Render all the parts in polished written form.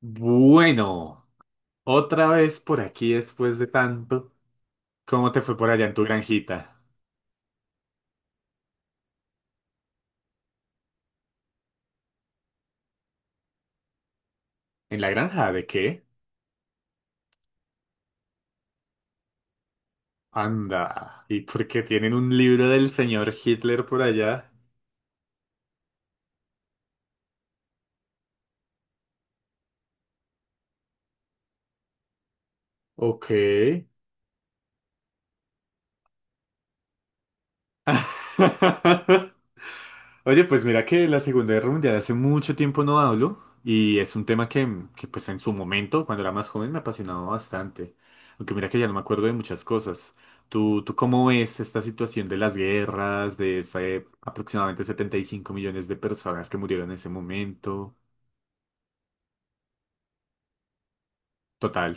Bueno, otra vez por aquí después de tanto. ¿Cómo te fue por allá en tu granjita? ¿En la granja de qué? Anda. ¿Y por qué tienen un libro del señor Hitler por allá? Ok. Oye, pues mira que la Segunda Guerra Mundial hace mucho tiempo no hablo y es un tema que, pues en su momento, cuando era más joven, me apasionaba bastante. Aunque mira que ya no me acuerdo de muchas cosas. ¿Tú cómo ves esta situación de las guerras, de esa, aproximadamente 75 millones de personas que murieron en ese momento? Total.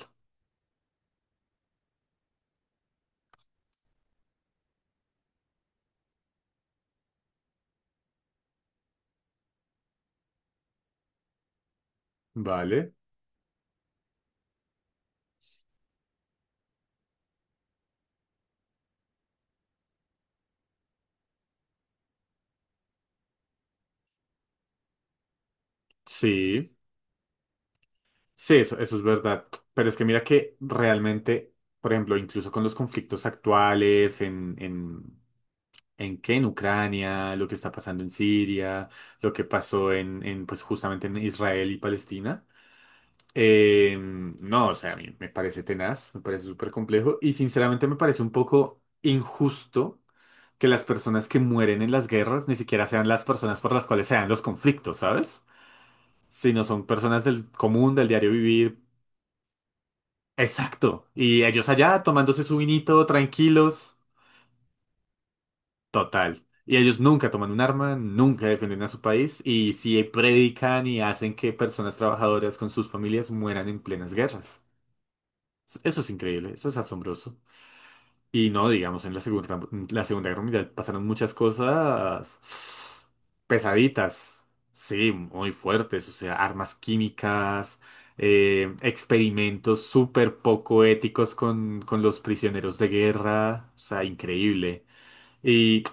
Vale. Sí. Sí, eso es verdad. Pero es que mira que realmente, por ejemplo, incluso con los conflictos actuales en Ucrania, lo que está pasando en Siria, lo que pasó en pues justamente en Israel y Palestina. No, o sea, a mí me parece tenaz, me parece súper complejo y sinceramente me parece un poco injusto que las personas que mueren en las guerras ni siquiera sean las personas por las cuales se dan los conflictos, ¿sabes? Sino son personas del común, del diario vivir. Exacto. Y ellos allá tomándose su vinito, tranquilos, total. Y ellos nunca toman un arma, nunca defienden a su país y sí predican y hacen que personas trabajadoras con sus familias mueran en plenas guerras. Eso es increíble, eso es asombroso. Y no, digamos, en la Segunda Guerra Mundial pasaron muchas cosas pesaditas, sí, muy fuertes, o sea, armas químicas, experimentos súper poco éticos con los prisioneros de guerra, o sea, increíble. Y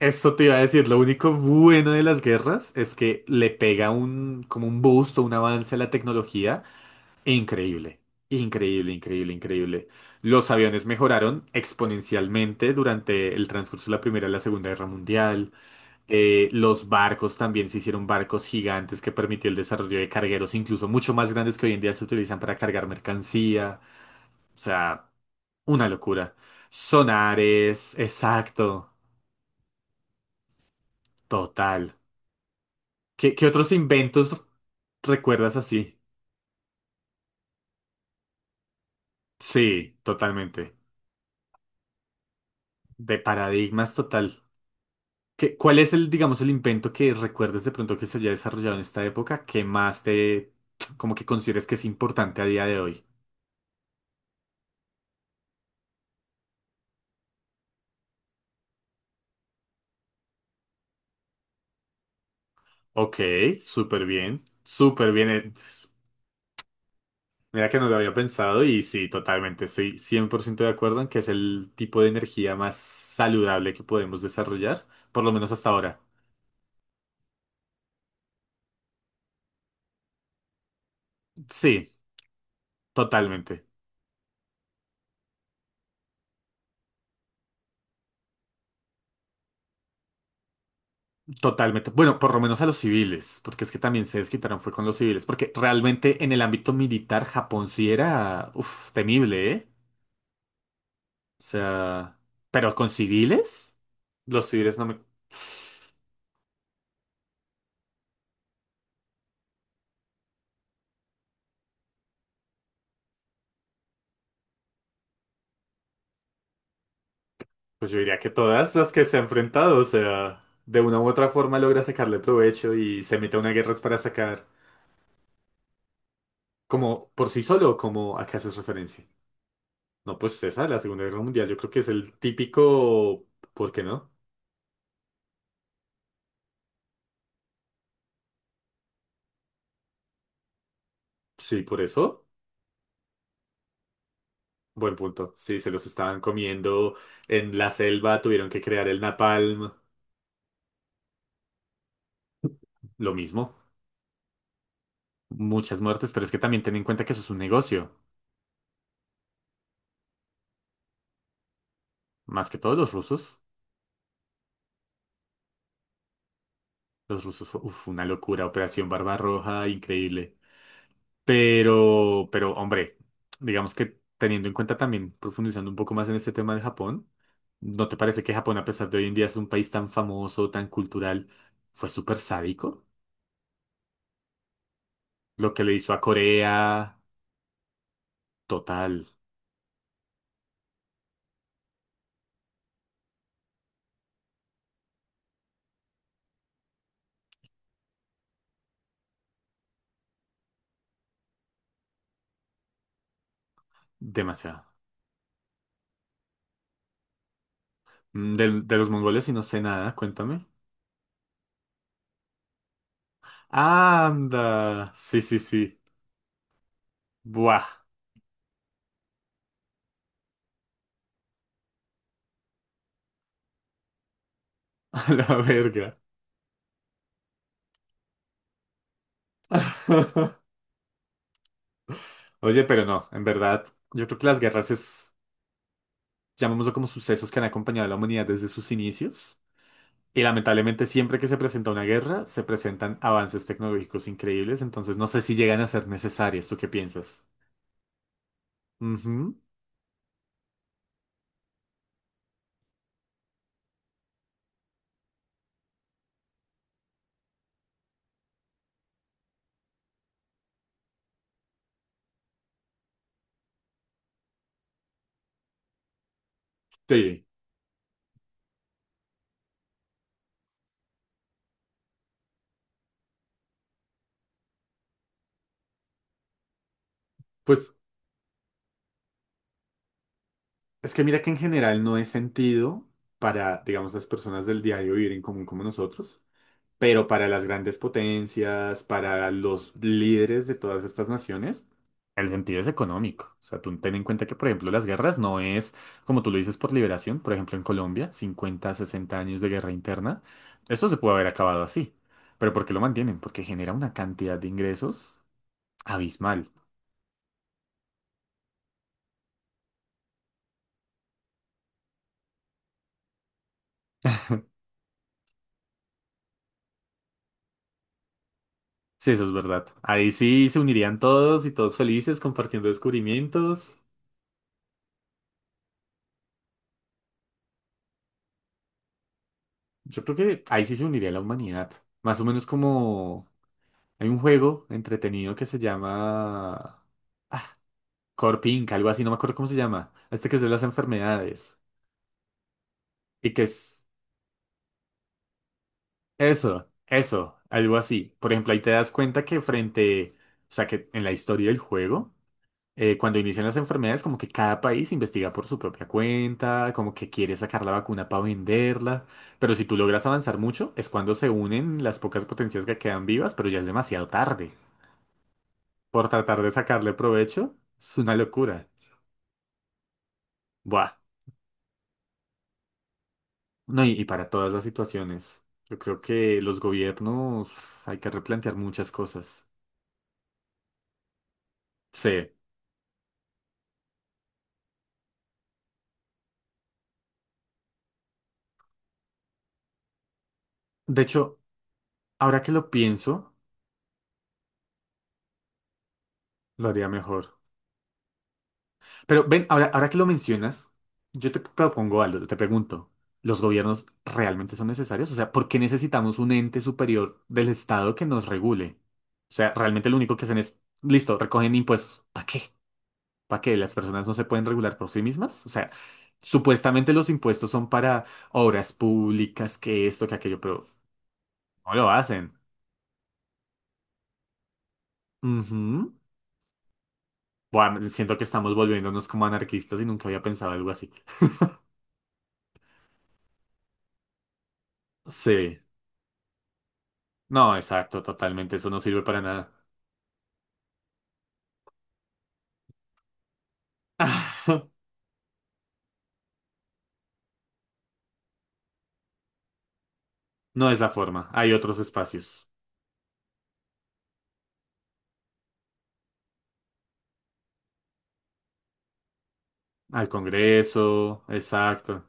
eso te iba a decir, lo único bueno de las guerras es que le pega un, como un boost o un avance a la tecnología. Increíble, increíble, increíble, increíble. Los aviones mejoraron exponencialmente durante el transcurso de la Primera y la Segunda Guerra Mundial. Los barcos también se hicieron barcos gigantes que permitió el desarrollo de cargueros incluso mucho más grandes que hoy en día se utilizan para cargar mercancía. O sea, una locura. Sonares, exacto, total. ¿Qué otros inventos recuerdas así? Sí, totalmente. De paradigmas total. ¿Qué- cuál es el, digamos, el invento que recuerdes de pronto que se haya desarrollado en esta época que más te, como que consideres que es importante a día de hoy? Ok, súper bien, súper bien. Mira que no lo había pensado y sí, totalmente, estoy 100% de acuerdo en que es el tipo de energía más saludable que podemos desarrollar, por lo menos hasta ahora. Sí, totalmente, totalmente. Bueno, por lo menos a los civiles, porque es que también se desquitaron fue con los civiles, porque realmente en el ámbito militar Japón sí era, uf, temible, ¿eh? O sea, ¿pero con civiles? Los civiles no me... Pues yo diría que todas las que se ha enfrentado, o sea, de una u otra forma logra sacarle provecho y se mete a una guerra es para sacar, como por sí solo, como a qué haces referencia. No, pues esa, la Segunda Guerra Mundial, yo creo que es el típico, ¿por qué no? Sí, por eso. Buen punto. Sí, se los estaban comiendo en la selva, tuvieron que crear el napalm, lo mismo. Muchas muertes, pero es que también ten en cuenta que eso es un negocio. Más que todos los rusos. Los rusos fue uf, una locura, Operación Barbarroja, increíble. Hombre, digamos que teniendo en cuenta también, profundizando un poco más en este tema de Japón, ¿no te parece que Japón, a pesar de hoy en día es un país tan famoso, tan cultural, fue súper sádico? Lo que le hizo a Corea, total, demasiado. Mm, de los mongoles y no sé nada, cuéntame. Anda, sí, sí, sí. Buah, a la verga. Oye, pero no, en verdad, yo creo que las guerras es, llamémoslo como sucesos que han acompañado a la humanidad desde sus inicios. Y lamentablemente siempre que se presenta una guerra, se presentan avances tecnológicos increíbles, entonces no sé si llegan a ser necesarias. ¿Tú qué piensas? Ujú. Sí, pues es que mira que en general no es sentido para, digamos, las personas del diario vivir en común como nosotros, pero para las grandes potencias, para los líderes de todas estas naciones, el sentido es económico. O sea, tú ten en cuenta que, por ejemplo, las guerras no es, como tú lo dices, por liberación. Por ejemplo, en Colombia, 50, 60 años de guerra interna. Esto se puede haber acabado así. Pero ¿por qué lo mantienen? Porque genera una cantidad de ingresos abismal. Sí, eso es verdad. Ahí sí se unirían todos y todos felices compartiendo descubrimientos. Yo creo que ahí sí se uniría la humanidad. Más o menos como hay un juego entretenido que se llama Corp Inc, algo así, no me acuerdo cómo se llama. Este que es de las enfermedades. Y que es eso, eso, algo así. Por ejemplo, ahí te das cuenta que frente, o sea, que en la historia del juego, cuando inician las enfermedades, como que cada país investiga por su propia cuenta, como que quiere sacar la vacuna para venderla. Pero si tú logras avanzar mucho, es cuando se unen las pocas potencias que quedan vivas, pero ya es demasiado tarde. Por tratar de sacarle provecho, es una locura. Buah. No, y para todas las situaciones. Yo creo que los gobiernos uf, hay que replantear muchas cosas. Sí. De hecho, ahora que lo pienso, lo haría mejor. Pero ven, ahora que lo mencionas, yo te propongo algo, te pregunto, ¿los gobiernos realmente son necesarios? O sea, ¿por qué necesitamos un ente superior del Estado que nos regule? O sea, realmente lo único que hacen es, listo, recogen impuestos. ¿Para qué? Para que las personas no se pueden regular por sí mismas. O sea, supuestamente los impuestos son para obras públicas, que esto, que aquello, pero no lo hacen. Ujú. Buah, siento que estamos volviéndonos como anarquistas y nunca había pensado algo así. Sí. No, exacto, totalmente. Eso no sirve para nada. No es la forma. Hay otros espacios. Al Congreso, exacto.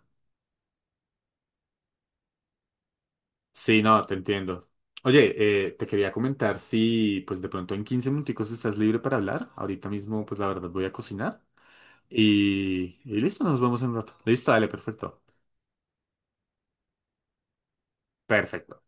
Sí, no, te entiendo. Oye, te quería comentar si pues de pronto en 15 minuticos estás libre para hablar. Ahorita mismo pues la verdad voy a cocinar y listo, nos vemos en un rato. Listo, dale, perfecto. Perfecto.